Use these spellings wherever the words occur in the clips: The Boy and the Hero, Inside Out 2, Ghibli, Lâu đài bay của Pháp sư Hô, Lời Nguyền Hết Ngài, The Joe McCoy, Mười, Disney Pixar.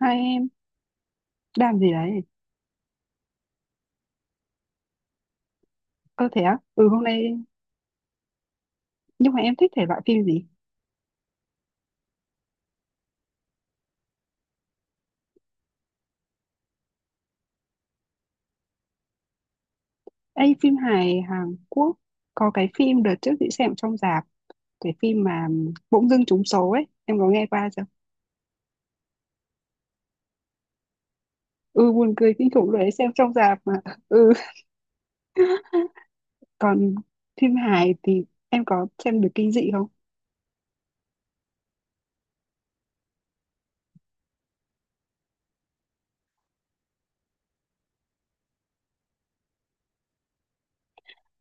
Hai em làm gì đấy? Ơ thế á? Ừ hôm nay nhưng mà em thích thể loại phim gì? Ê phim hài Hàn Quốc, có cái phim đợt trước chị xem trong rạp, cái phim mà bỗng dưng trúng số ấy, em có nghe qua chưa? Ừ, buồn cười kinh khủng rồi đấy, xem trong rạp mà ừ còn phim hài thì em có xem được kinh dị không?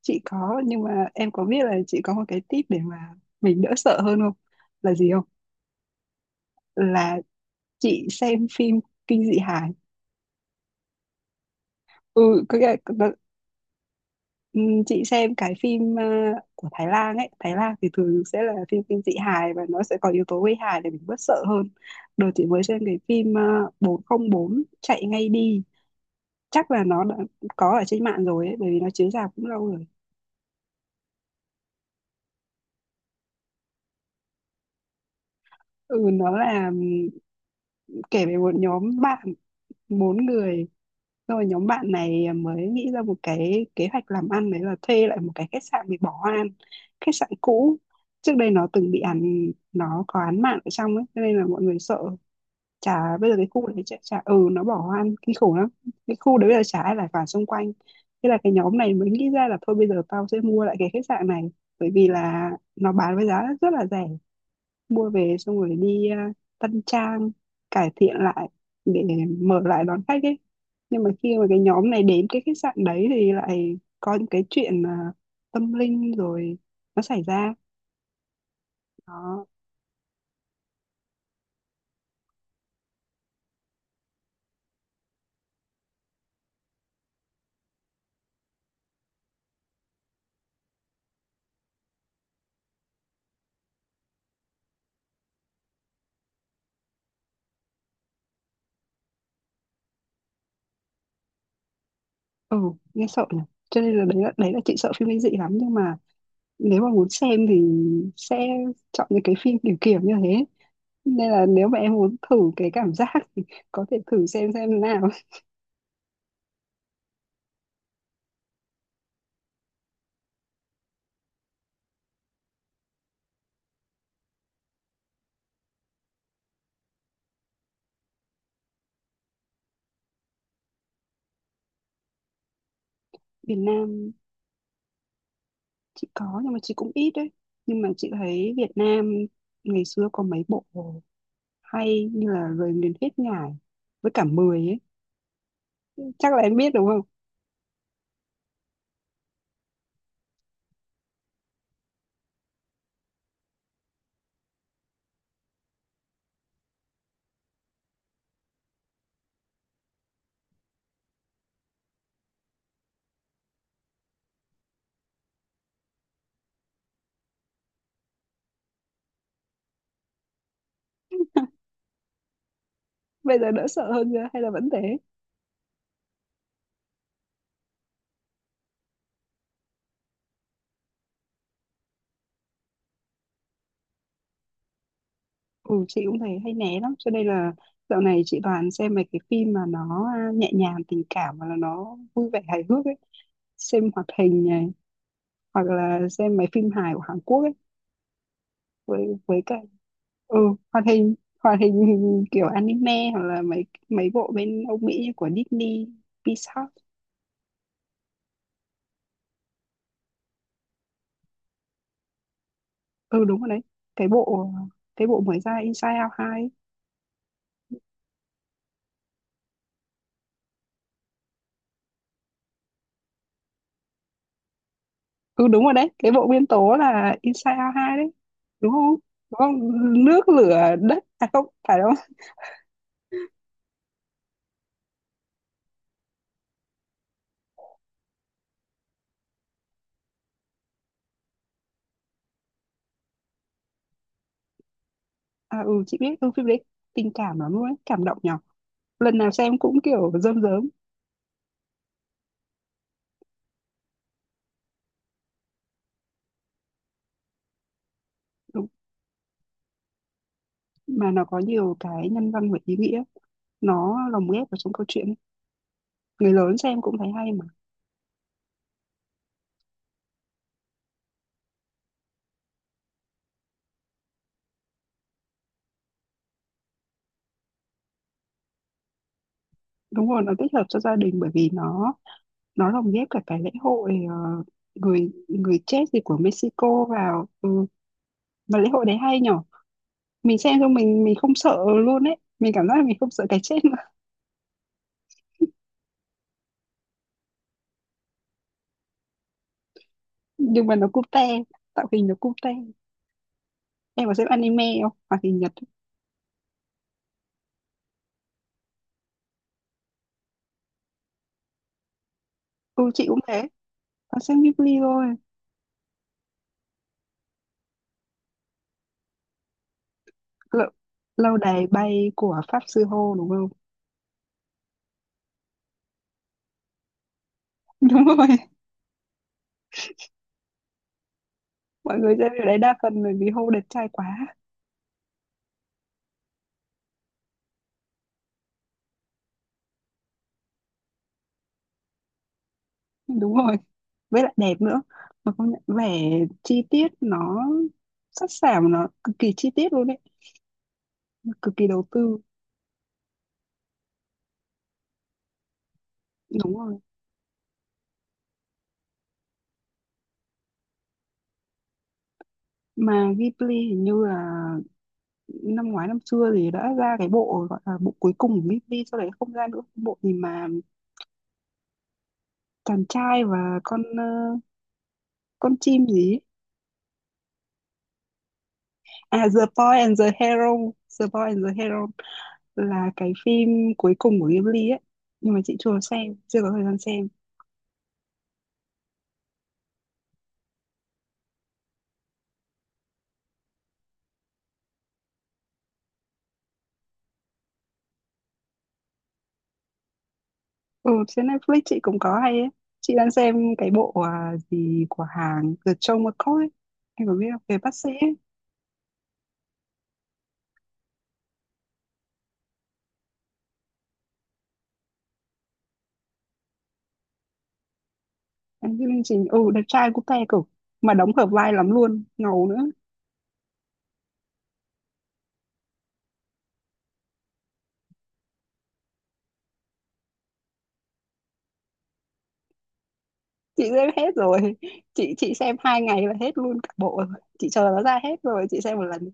Chị có, nhưng mà em có biết là chị có một cái tip để mà mình đỡ sợ hơn không? Là gì không? Là chị xem phim kinh dị hài. ừ có nghĩa là, ừ, chị xem cái phim của Thái Lan ấy. Thái Lan thì thường sẽ là phim kinh dị hài và nó sẽ có yếu tố gây hài để mình bớt sợ hơn. Đợt chị mới xem cái phim 404 chạy ngay đi, chắc là nó đã có ở trên mạng rồi ấy, bởi vì nó chiếu rạp cũng lâu rồi. Ừ nó là, kể về một nhóm bạn bốn người. Rồi nhóm bạn này mới nghĩ ra một cái kế hoạch làm ăn, đấy là thuê lại một cái khách sạn bị bỏ hoang, khách sạn cũ. Trước đây nó từng bị án, nó có án mạng ở trong ấy, cho nên là mọi người sợ. Chả bây giờ cái khu đấy chả ừ nó bỏ hoang kinh khủng lắm. Cái khu đấy bây giờ chả ai lại vào xung quanh. Thế là cái nhóm này mới nghĩ ra là thôi bây giờ tao sẽ mua lại cái khách sạn này, bởi vì là nó bán với giá rất là rẻ, mua về xong rồi đi tân trang, cải thiện lại để mở lại đón khách ấy. Nhưng mà khi mà cái nhóm này đến cái khách sạn đấy thì lại có những cái chuyện tâm linh rồi nó xảy ra đó. Ừ, nghe sợ nhỉ. Cho nên là đấy là chị sợ phim kinh dị lắm, nhưng mà nếu mà muốn xem thì sẽ chọn những cái phim kiểu kiểu như thế, nên là nếu mà em muốn thử cái cảm giác thì có thể thử xem nào. Việt Nam chị có nhưng mà chị cũng ít đấy, nhưng mà chị thấy Việt Nam ngày xưa có mấy bộ hay như là Lời Nguyền Hết Ngài với cả Mười ấy, chắc là em biết đúng không. Bây giờ đỡ sợ hơn chưa hay là vẫn thế? Ừ, chị cũng thấy hay né lắm, cho nên là dạo này chị toàn xem mấy cái phim mà nó nhẹ nhàng tình cảm và là nó vui vẻ hài hước ấy. Xem hoạt hình này, hoặc là xem mấy phim hài của Hàn Quốc ấy, với cả ừ hoạt hình, hoạt hình hình kiểu anime, hoặc là mấy mấy bộ bên Âu Mỹ như của Disney, Pixar. Ừ đúng rồi đấy, cái bộ cái bộ mới ra Inside Out 2 ấy. Ừ đúng rồi đấy, cái bộ nguyên tố là Inside Out 2 đấy, đúng không, đúng không? Nước lửa đất, à không phải đâu. À ừ chị biết, ừ phim đấy tình cảm lắm luôn ấy, cảm động nhở. Lần nào xem cũng kiểu rơm rớm. Đúng, mà nó có nhiều cái nhân văn và ý nghĩa, nó lồng ghép vào trong câu chuyện ấy. Người lớn xem cũng thấy hay. Đúng rồi, nó tích hợp cho gia đình bởi vì nó lồng ghép cả cái lễ hội người người chết gì của Mexico vào ừ. Mà lễ hội đấy hay nhở. Mình xem xong mình không sợ luôn ấy, mình cảm giác là mình không sợ cái chết nữa. Nhưng mà nó cute, tạo hình nó cute. Em có xem anime không, hoạt hình Nhật? Ừ chị cũng thế, có xem Ghibli thôi. lâu, Lâu đài bay của Pháp sư Hô đúng không? Đúng rồi, mọi người xem điều đấy đa phần bởi vì Hô đẹp trai quá. Đúng rồi, với lại đẹp nữa, mà công nhận vẻ chi tiết nó sắc sảo, nó cực kỳ chi tiết luôn đấy, cực kỳ đầu tư. Đúng rồi, mà Ghibli hình như là năm ngoái năm xưa thì đã ra cái bộ gọi là bộ cuối cùng của Ghibli, sau đấy không ra nữa, bộ gì mà chàng trai và con con chim gì ấy. À The Boy and the Hero, The Boy and the Hero là cái phim cuối cùng của Ghibli ấy, nhưng mà chị chưa xem, chưa có thời gian xem. Ừ, trên Netflix chị cũng có hay ấy. Chị đang xem cái bộ gì của hàng The Joe McCoy ấy. Em có biết không? Về bác sĩ ấy. Em chương trình ừ đẹp trai cũng te cực, mà đóng hợp vai lắm luôn, ngầu nữa. Chị xem hết rồi. Chị xem 2 ngày là hết luôn cả bộ rồi. Chị chờ nó ra hết rồi chị xem một lần.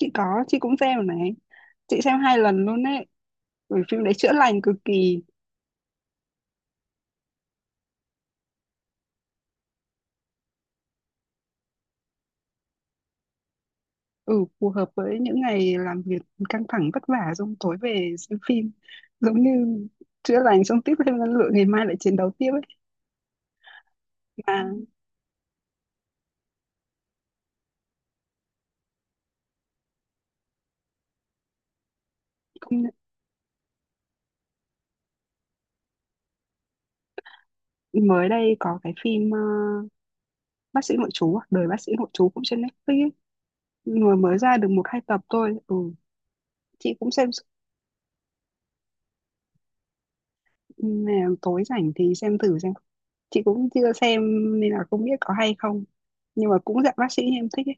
Chị có, chị cũng xem rồi này, chị xem 2 lần luôn đấy, bởi phim đấy chữa lành cực kỳ. Ừ phù hợp với những ngày làm việc căng thẳng vất vả, xong tối về xem phim giống như chữa lành, xong tiếp thêm năng lượng ngày mai lại chiến đấu tiếp ấy. Mà công nhận, mới đây có cái phim bác sĩ nội trú à? Đời bác sĩ nội trú cũng trên Netflix ấy. Vừa mới ra được một hai tập thôi ừ, chị cũng xem nè, tối rảnh thì xem thử xem. Chị cũng chưa xem nên là không biết có hay không, nhưng mà cũng dạng bác sĩ em thích ấy,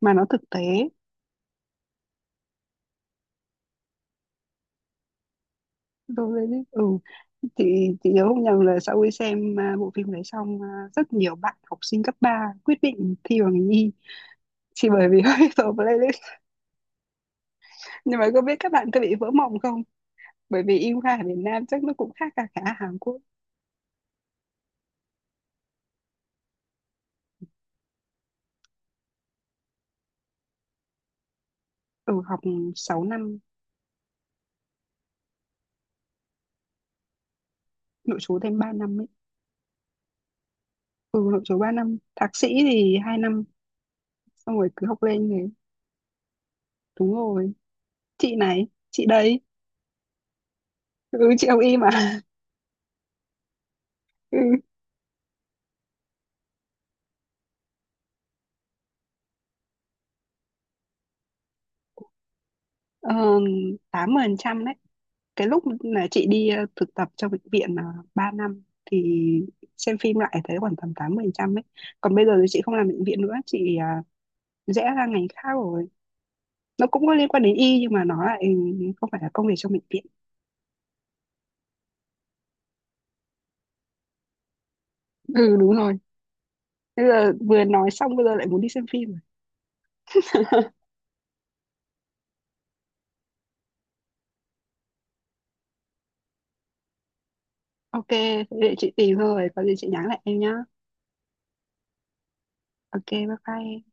mà nó thực tế. Tôi mới biết, ừ chị chị nhớ không nhầm là sau khi xem bộ phim đấy xong rất nhiều bạn học sinh cấp 3 quyết định thi vào ngành y chỉ bởi vì hơi vào playlist. Nhưng mà có biết các bạn có bị vỡ mộng không, bởi vì y khoa ở Việt Nam chắc nó cũng khác cả cả Hàn Quốc. Ừ học 6 năm, nội trú thêm 3 năm ấy. Ừ nội trú 3 năm, thạc sĩ thì 2 năm, xong rồi cứ học lên này. Đúng rồi, chị này chị đấy, ừ chị học y mà. Ừ. Ờ, 80% đấy. Cái lúc là chị đi thực tập trong bệnh viện là 3 năm thì xem phim lại thấy khoảng tầm 80% ấy. Còn bây giờ thì chị không làm bệnh viện nữa, chị rẽ ra ngành khác rồi. Nó cũng có liên quan đến y nhưng mà nó lại không phải là công việc trong bệnh viện. Ừ đúng rồi. Bây giờ vừa nói xong bây giờ lại muốn đi xem phim rồi. Ok, thế để chị tìm thôi, có gì chị nhắn lại em nhá. Ok, bye bye em.